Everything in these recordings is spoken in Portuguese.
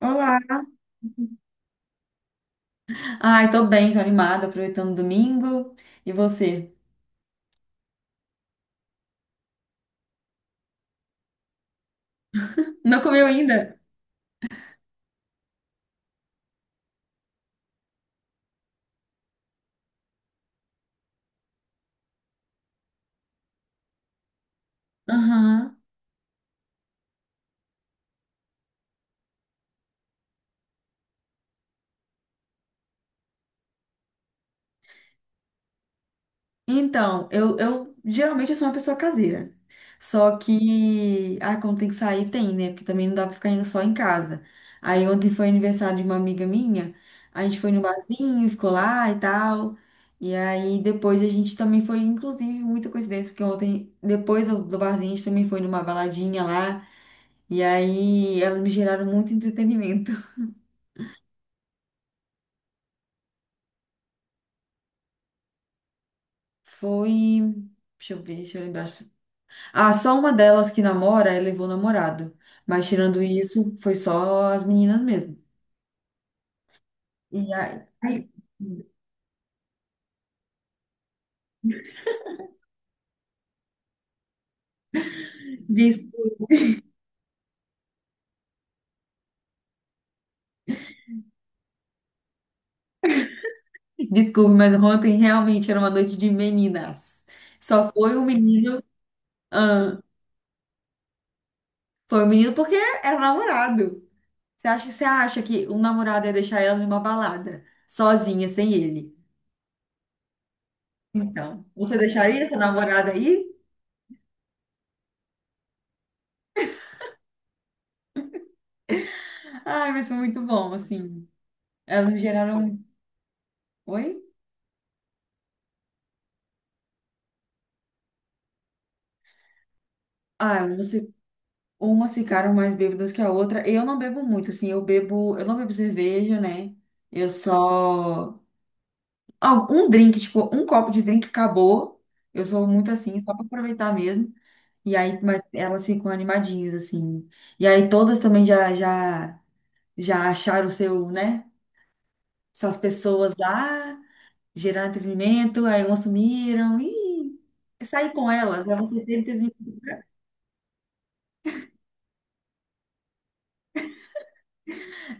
Olá! Ai, tô bem, tô animada, aproveitando o domingo. E você? Não comeu ainda? Aham. Então, eu geralmente eu sou uma pessoa caseira. Só que, ah, quando tem que sair, tem, né? Porque também não dá pra ficar só em casa. Aí ontem foi aniversário de uma amiga minha, a gente foi no barzinho, ficou lá e tal. E aí depois a gente também foi, inclusive, muita coincidência, porque ontem, depois do barzinho, a gente também foi numa baladinha lá. E aí elas me geraram muito entretenimento. Foi. Deixa eu ver, deixa eu lembrar. Ah, só uma delas que namora, ela levou namorado. Mas tirando isso, foi só as meninas mesmo. E aí, des- desculpe, mas ontem realmente era uma noite de meninas. Só foi o menino. Ah, foi o menino porque era namorado. Você acha que um namorado ia deixar ela numa balada, sozinha, sem ele? Então, você deixaria essa namorada aí? Ai, mas foi muito bom, assim. Elas geraram. Oi? Ah, umas ficaram mais bêbadas que a outra. Eu não bebo muito, assim, eu bebo. Eu não bebo cerveja, né? Eu só. Ah, um drink, tipo, um copo de drink acabou. Eu sou muito assim, só pra aproveitar mesmo. E aí, mas elas ficam animadinhas, assim. E aí todas também já acharam o seu, né? Essas pessoas lá, geraram entretenimento, aí umas sumiram. Ih, sair com elas, elas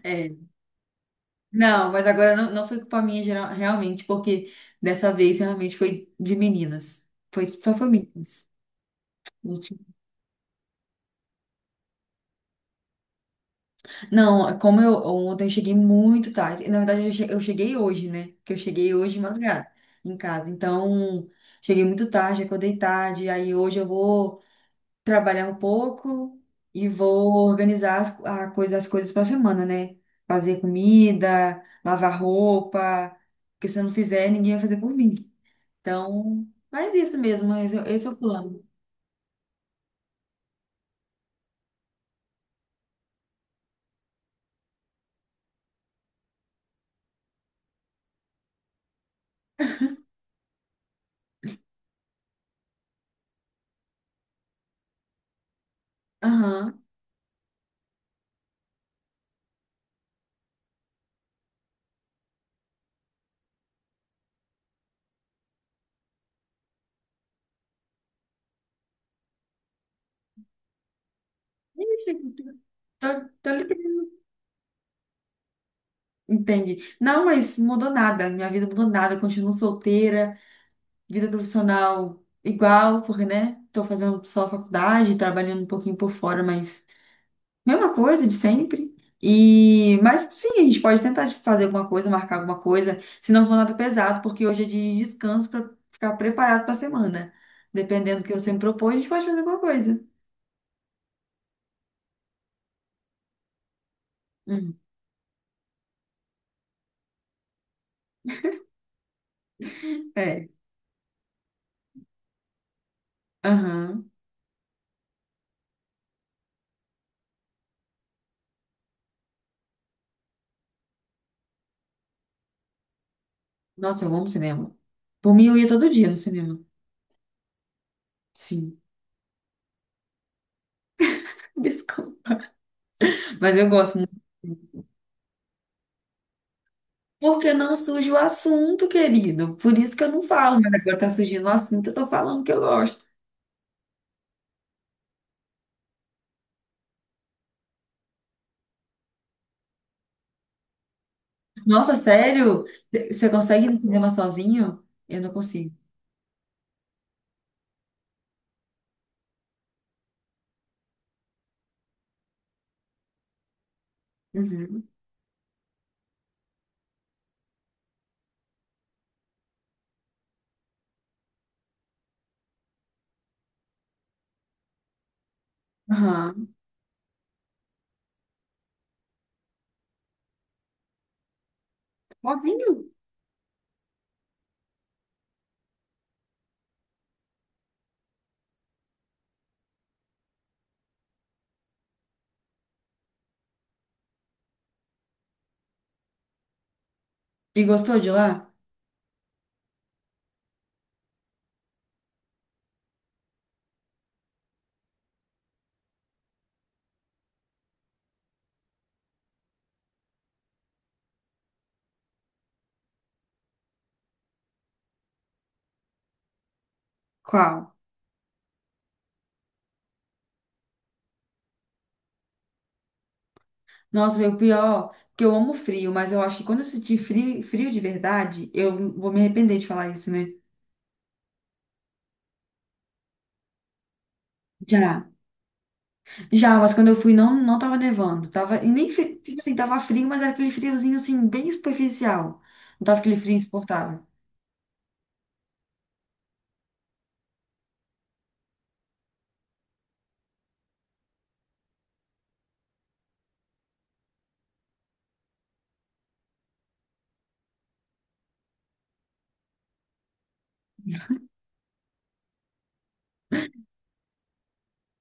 é. Não, mas agora não, não foi culpa minha geral, realmente, porque dessa vez realmente foi de meninas. Foi, só foi meninas. Não, tinha- não, como eu ontem eu cheguei muito tarde. Na verdade, eu cheguei hoje, né? Que eu cheguei hoje de madrugada em casa. Então, cheguei muito tarde, acordei tarde. Aí hoje eu vou trabalhar um pouco e vou organizar as coisas para semana, né? Fazer comida, lavar roupa. Porque se eu não fizer, ninguém vai fazer por mim. Então, faz isso mesmo, é esse é o plano. Aham. Tô, tô ligada. Entendi. Não, mas mudou nada. Minha vida mudou nada. Continuo solteira, vida profissional igual, porque, né? Tô fazendo só faculdade, trabalhando um pouquinho por fora, mas mesma coisa de sempre. E, mas sim, a gente pode tentar de fazer alguma coisa, marcar alguma coisa, se não for nada pesado, porque hoje é de descanso para ficar preparado para a semana. Dependendo do que você me propõe, a gente pode fazer alguma coisa. Hum. É. Aham. Nossa, eu amo cinema. Por mim, eu ia todo dia no cinema. Sim, biscoito. Mas eu gosto muito. Porque não surge o assunto, querido. Por isso que eu não falo, mas agora tá surgindo o assunto, eu tô falando que eu gosto. Nossa, sério? Você consegue ir no cinema sozinho? Eu não consigo. Uhum. Aham. Sozinho? E gostou de lá? Qual? Nossa, meu pior, que eu amo frio, mas eu acho que quando eu sentir frio, frio de verdade, eu vou me arrepender de falar isso, né? Já. Já, mas quando eu fui não, não tava nevando. Tava, e nem, tipo assim, tava frio, mas era aquele friozinho, assim, bem superficial. Não tava aquele frio insuportável.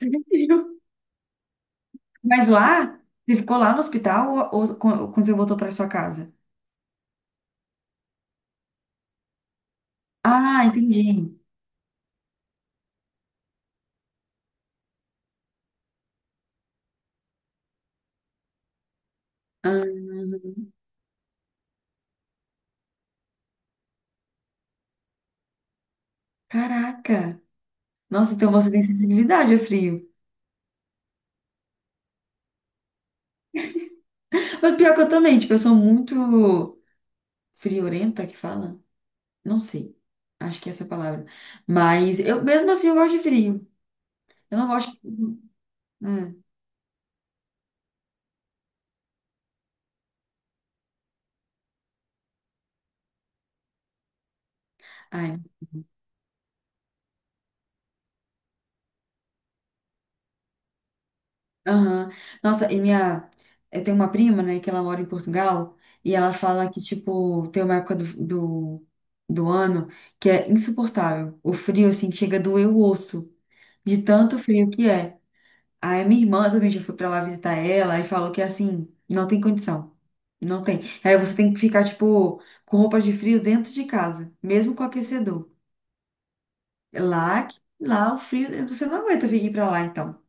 Mas lá, você ficou lá no hospital ou quando você voltou para sua casa? Ah, entendi. Ah, caraca. Nossa, então você tem sensibilidade a frio. Mas pior que eu também, tipo, eu sou muito friorenta que fala? Não sei. Acho que é essa a palavra. Mas eu mesmo assim eu gosto de frio. Eu não gosto. Hum. Ai, aham. Nossa, e minha. Eu tenho uma prima, né, que ela mora em Portugal, e ela fala que, tipo, tem uma época do ano que é insuportável. O frio, assim, que chega a doer o osso, de tanto frio que é. Aí minha irmã também já foi pra lá visitar ela e falou que, assim, não tem condição. Não tem. Aí você tem que ficar, tipo, com roupa de frio dentro de casa, mesmo com aquecedor. Lá, lá o frio, você não aguenta vir pra lá, então.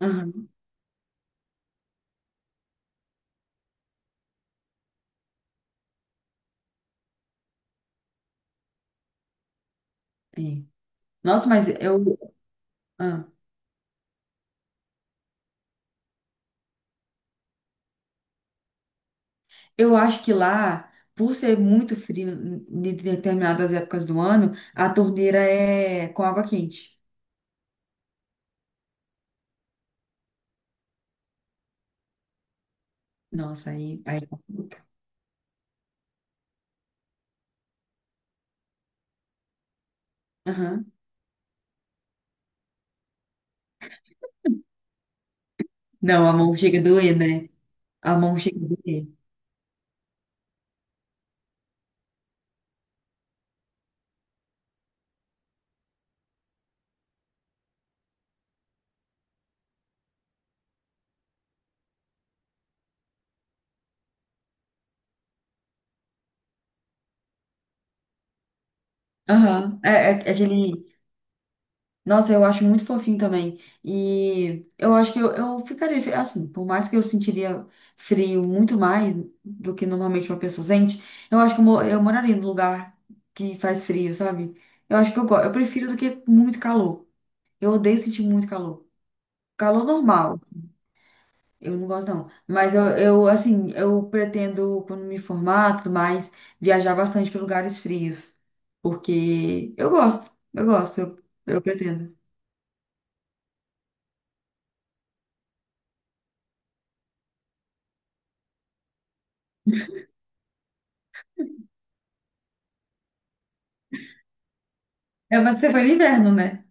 Aham. É. Nossa, mas eu. Ah. Eu acho que lá, por ser muito frio em determinadas épocas do ano, a torneira é com água quente. Nossa, aí, aí complica. Aham. Não, a mão chega a doer, né? A mão chega a doer. Aham. É aquele. Nossa, eu acho muito fofinho também. E eu acho que eu, assim, por mais que eu sentiria frio muito mais do que normalmente uma pessoa sente, eu acho que eu, eu moraria num lugar que faz frio, sabe? Eu acho que eu, eu prefiro do que muito calor. Eu odeio sentir muito calor. Calor normal, eu não gosto não. Mas assim, eu pretendo, quando me formar, tudo mais, viajar bastante para lugares frios. Porque eu pretendo. É, mas você foi no inverno, né?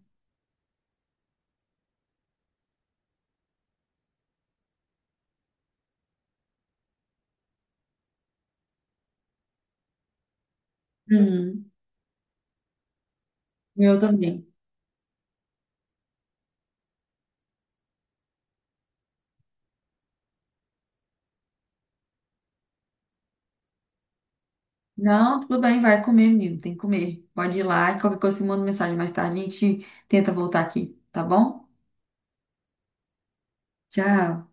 Uhum. Eu também. Não, tudo bem, vai comer, menino, tem que comer. Pode ir lá, qualquer coisa, você manda mensagem mais tarde, a gente tenta voltar aqui, tá bom? Tchau.